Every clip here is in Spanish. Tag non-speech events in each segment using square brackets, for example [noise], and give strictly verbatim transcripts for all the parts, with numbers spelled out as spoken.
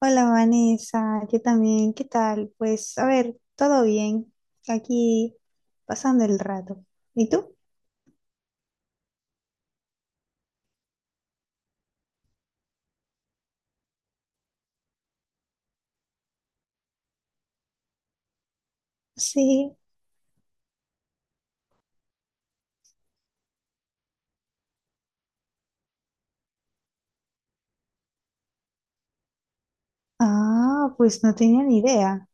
Hola Vanessa, yo también, ¿qué tal? Pues a ver, todo bien, aquí pasando el rato. ¿Y tú? Sí. Ah, pues no tenía ni idea.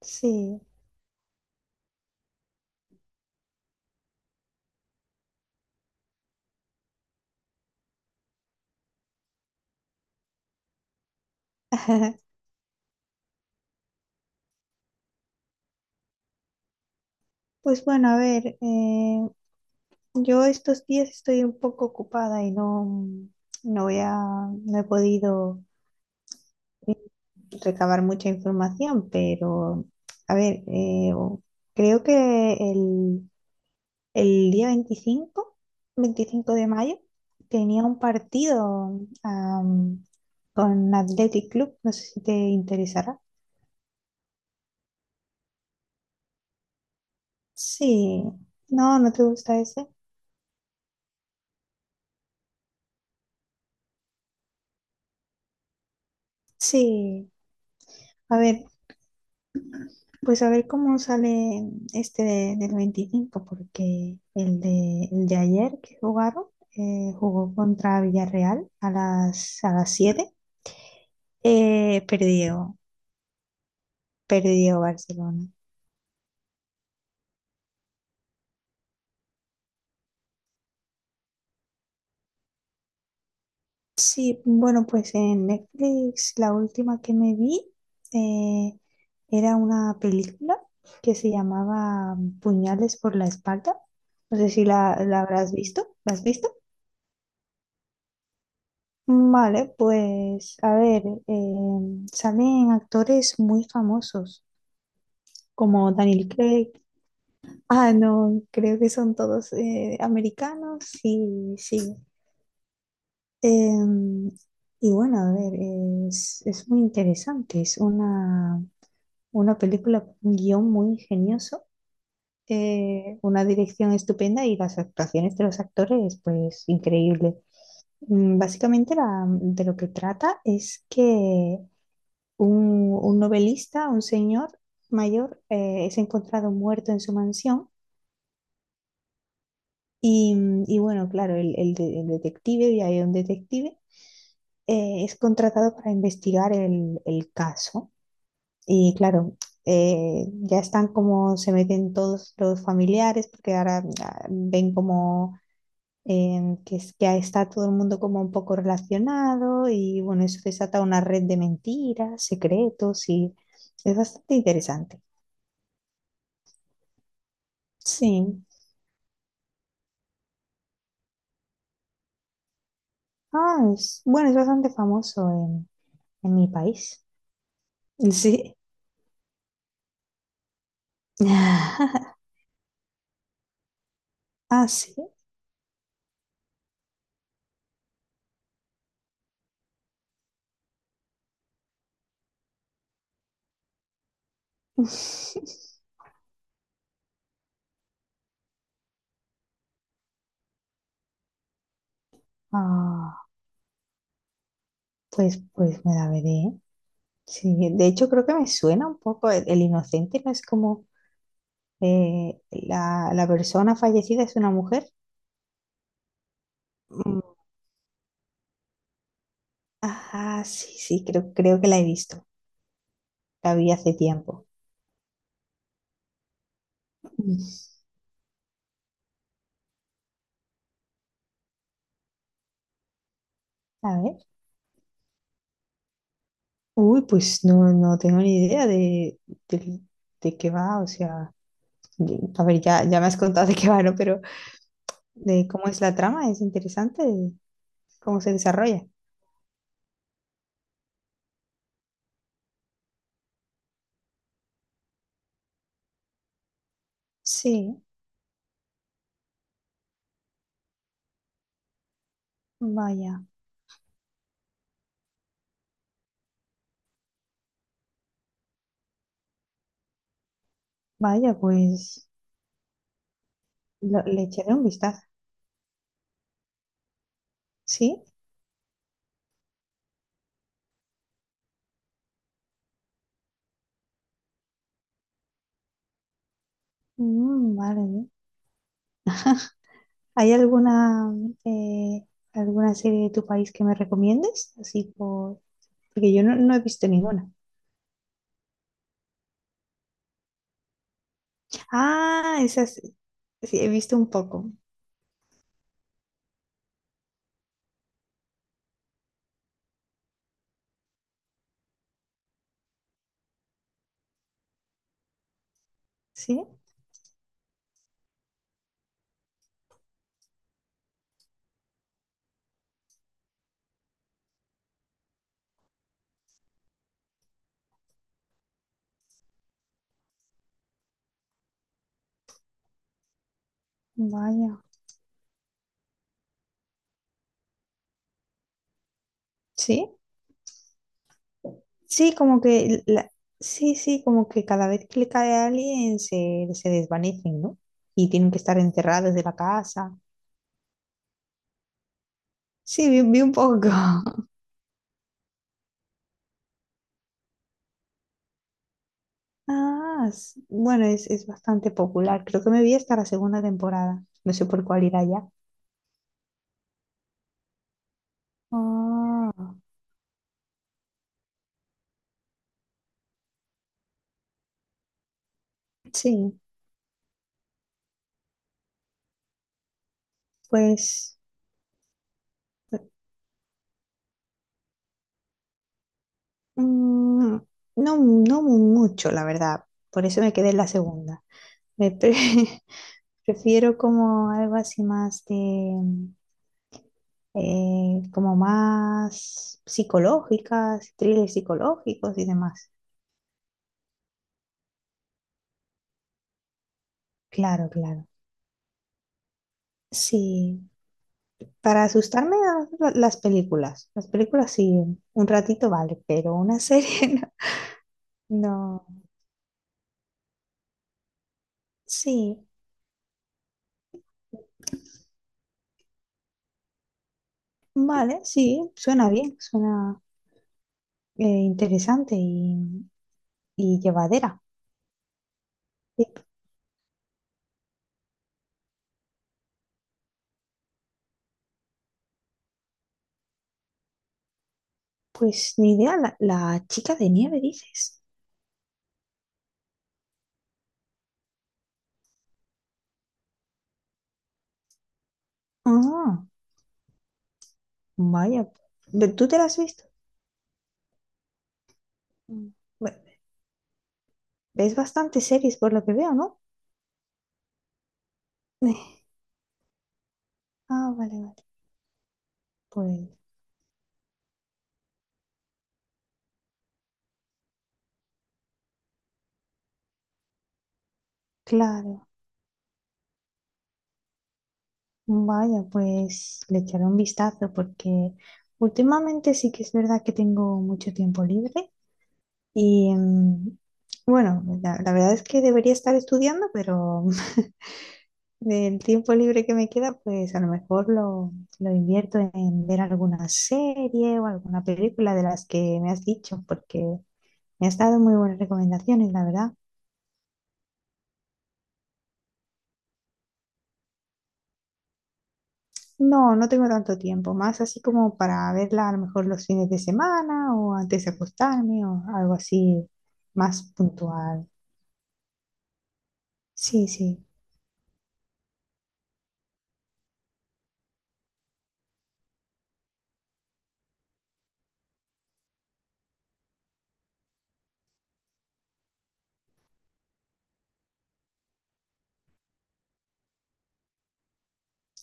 Sí. [laughs] Pues bueno, a ver, eh, yo estos días estoy un poco ocupada y no, no voy a, no he podido eh, recabar mucha información, pero a ver, eh, creo que el El día veinticinco, veinticinco de mayo, tenía un partido, am, con Athletic Club, no sé si te interesará. Sí, no, no te gusta ese. Sí, a ver, pues a ver cómo sale este de- del veinticinco, porque el de, el de ayer que jugaron, eh, jugó contra Villarreal a las, a las siete, eh, perdió, perdió Barcelona. Sí, bueno, pues en Netflix la última que me vi, eh, era una película que se llamaba Puñales por la espalda. No sé si la, la habrás visto. ¿La has visto? Vale, pues a ver, eh, salen actores muy famosos como Daniel Craig. Ah, no, creo que son todos eh, americanos y sí. Em, y bueno, a ver, es, es muy interesante. Es una, Una película con un guión muy ingenioso, eh, una dirección estupenda y las actuaciones de los actores, pues increíble. Mm, Básicamente la- de lo que trata es que un, un novelista, un señor mayor, eh, es encontrado muerto en su mansión y, mm, y bueno, claro, el, el de- el detective, y hay un detective, eh, es contratado para investigar el el caso. Y claro, eh, ya están, como se meten todos los familiares, porque ahora ah, ven como eh, que, es- que está todo el mundo como un poco relacionado y bueno, eso desata una red de mentiras, secretos y es bastante interesante. Sí. Ah, es- bueno, es bastante famoso en, en mi país. Sí. [laughs] Ah, sí. [laughs] Ah, pues, pues me la veré. Sí, de hecho creo que me suena un poco el, el inocente, ¿no? Es como eh, la, la persona fallecida es una mujer. Mm. Ajá, sí, sí, creo, creo que la he visto. La vi hace tiempo. Mm. A ver. Uy, pues no, no tengo ni idea de, de, de qué va, o sea, de- a ver, ya, ya me has contado de qué va, ¿no? Pero de cómo es la trama, es interesante, cómo se desarrolla. Sí, vaya, vaya, pues lo- le echaré un vistazo. Sí. Mm, vale, bien. ¿Hay alguna, eh, alguna serie de tu país que me recomiendes? Así por... Porque yo no, no he visto ninguna. Ah, esa sí, sí, he visto un poco. ¿Sí? Vaya. ¿Sí? Sí, como que... la- sí, sí, como que cada vez que le cae a alguien se, se desvanecen, ¿no? Y tienen que estar encerrados de la casa. Sí, vi, vi un poco. [laughs] Ah, s- bueno, es, es bastante popular. Creo que me vi hasta la segunda temporada. No sé por cuál irá ya. Ah, sí, pues mm, no, no mucho, la verdad. Por eso me quedé en la segunda. Me pre- [laughs] prefiero como algo así más de, eh, como más psicológicas, thrillers psicológicos y demás. Claro, claro. Sí, para asustarme la- las películas. Las películas sí, un ratito vale, pero una serie [laughs] no. No. Sí, vale, sí, suena bien, suena eh, interesante y, y llevadera. Eh, Pues ni idea, la, la chica de nieve, dices. Ah, vaya. Ve- ¿Tú te la has visto? Mm. Ve- Ves bastante series por lo que veo, ¿no? [laughs] Eh, Ah, vale, vale. Pues claro, vaya, pues le echaré un vistazo porque últimamente sí que es verdad que tengo mucho tiempo libre y mm, bueno, la, la verdad es que debería estar estudiando, pero [laughs] Del tiempo libre que me queda, pues a lo mejor lo, lo invierto en ver alguna serie o alguna película de las que me has dicho, porque me has dado muy buenas recomendaciones, la verdad. No, no tengo tanto tiempo, más así como para verla a lo mejor los fines de semana o antes de acostarme o algo así más puntual. Sí, sí,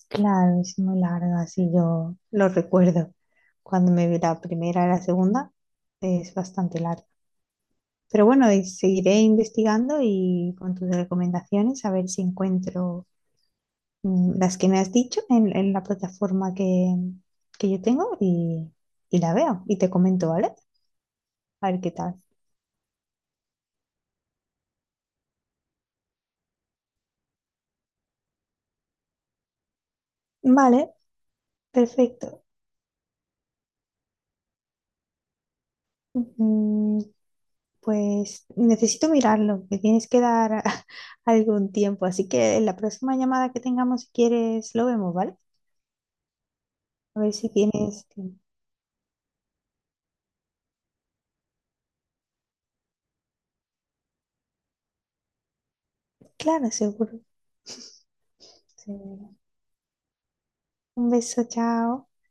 claro, es muy larga, así yo lo recuerdo. Cuando me vi la primera y la segunda, es bastante larga. Pero bueno, y seguiré investigando y con tus recomendaciones a ver si encuentro mm, las que me has dicho en, en la plataforma que, que yo tengo y, y la veo y te comento, ¿vale? A ver qué tal. Vale, perfecto. Mm, Pues necesito mirarlo, me tienes que dar [laughs] algún tiempo, así que en la próxima llamada que tengamos, si quieres, lo vemos, ¿vale? A ver si tienes tiempo. Claro, seguro. Seguro. Un beso, chao.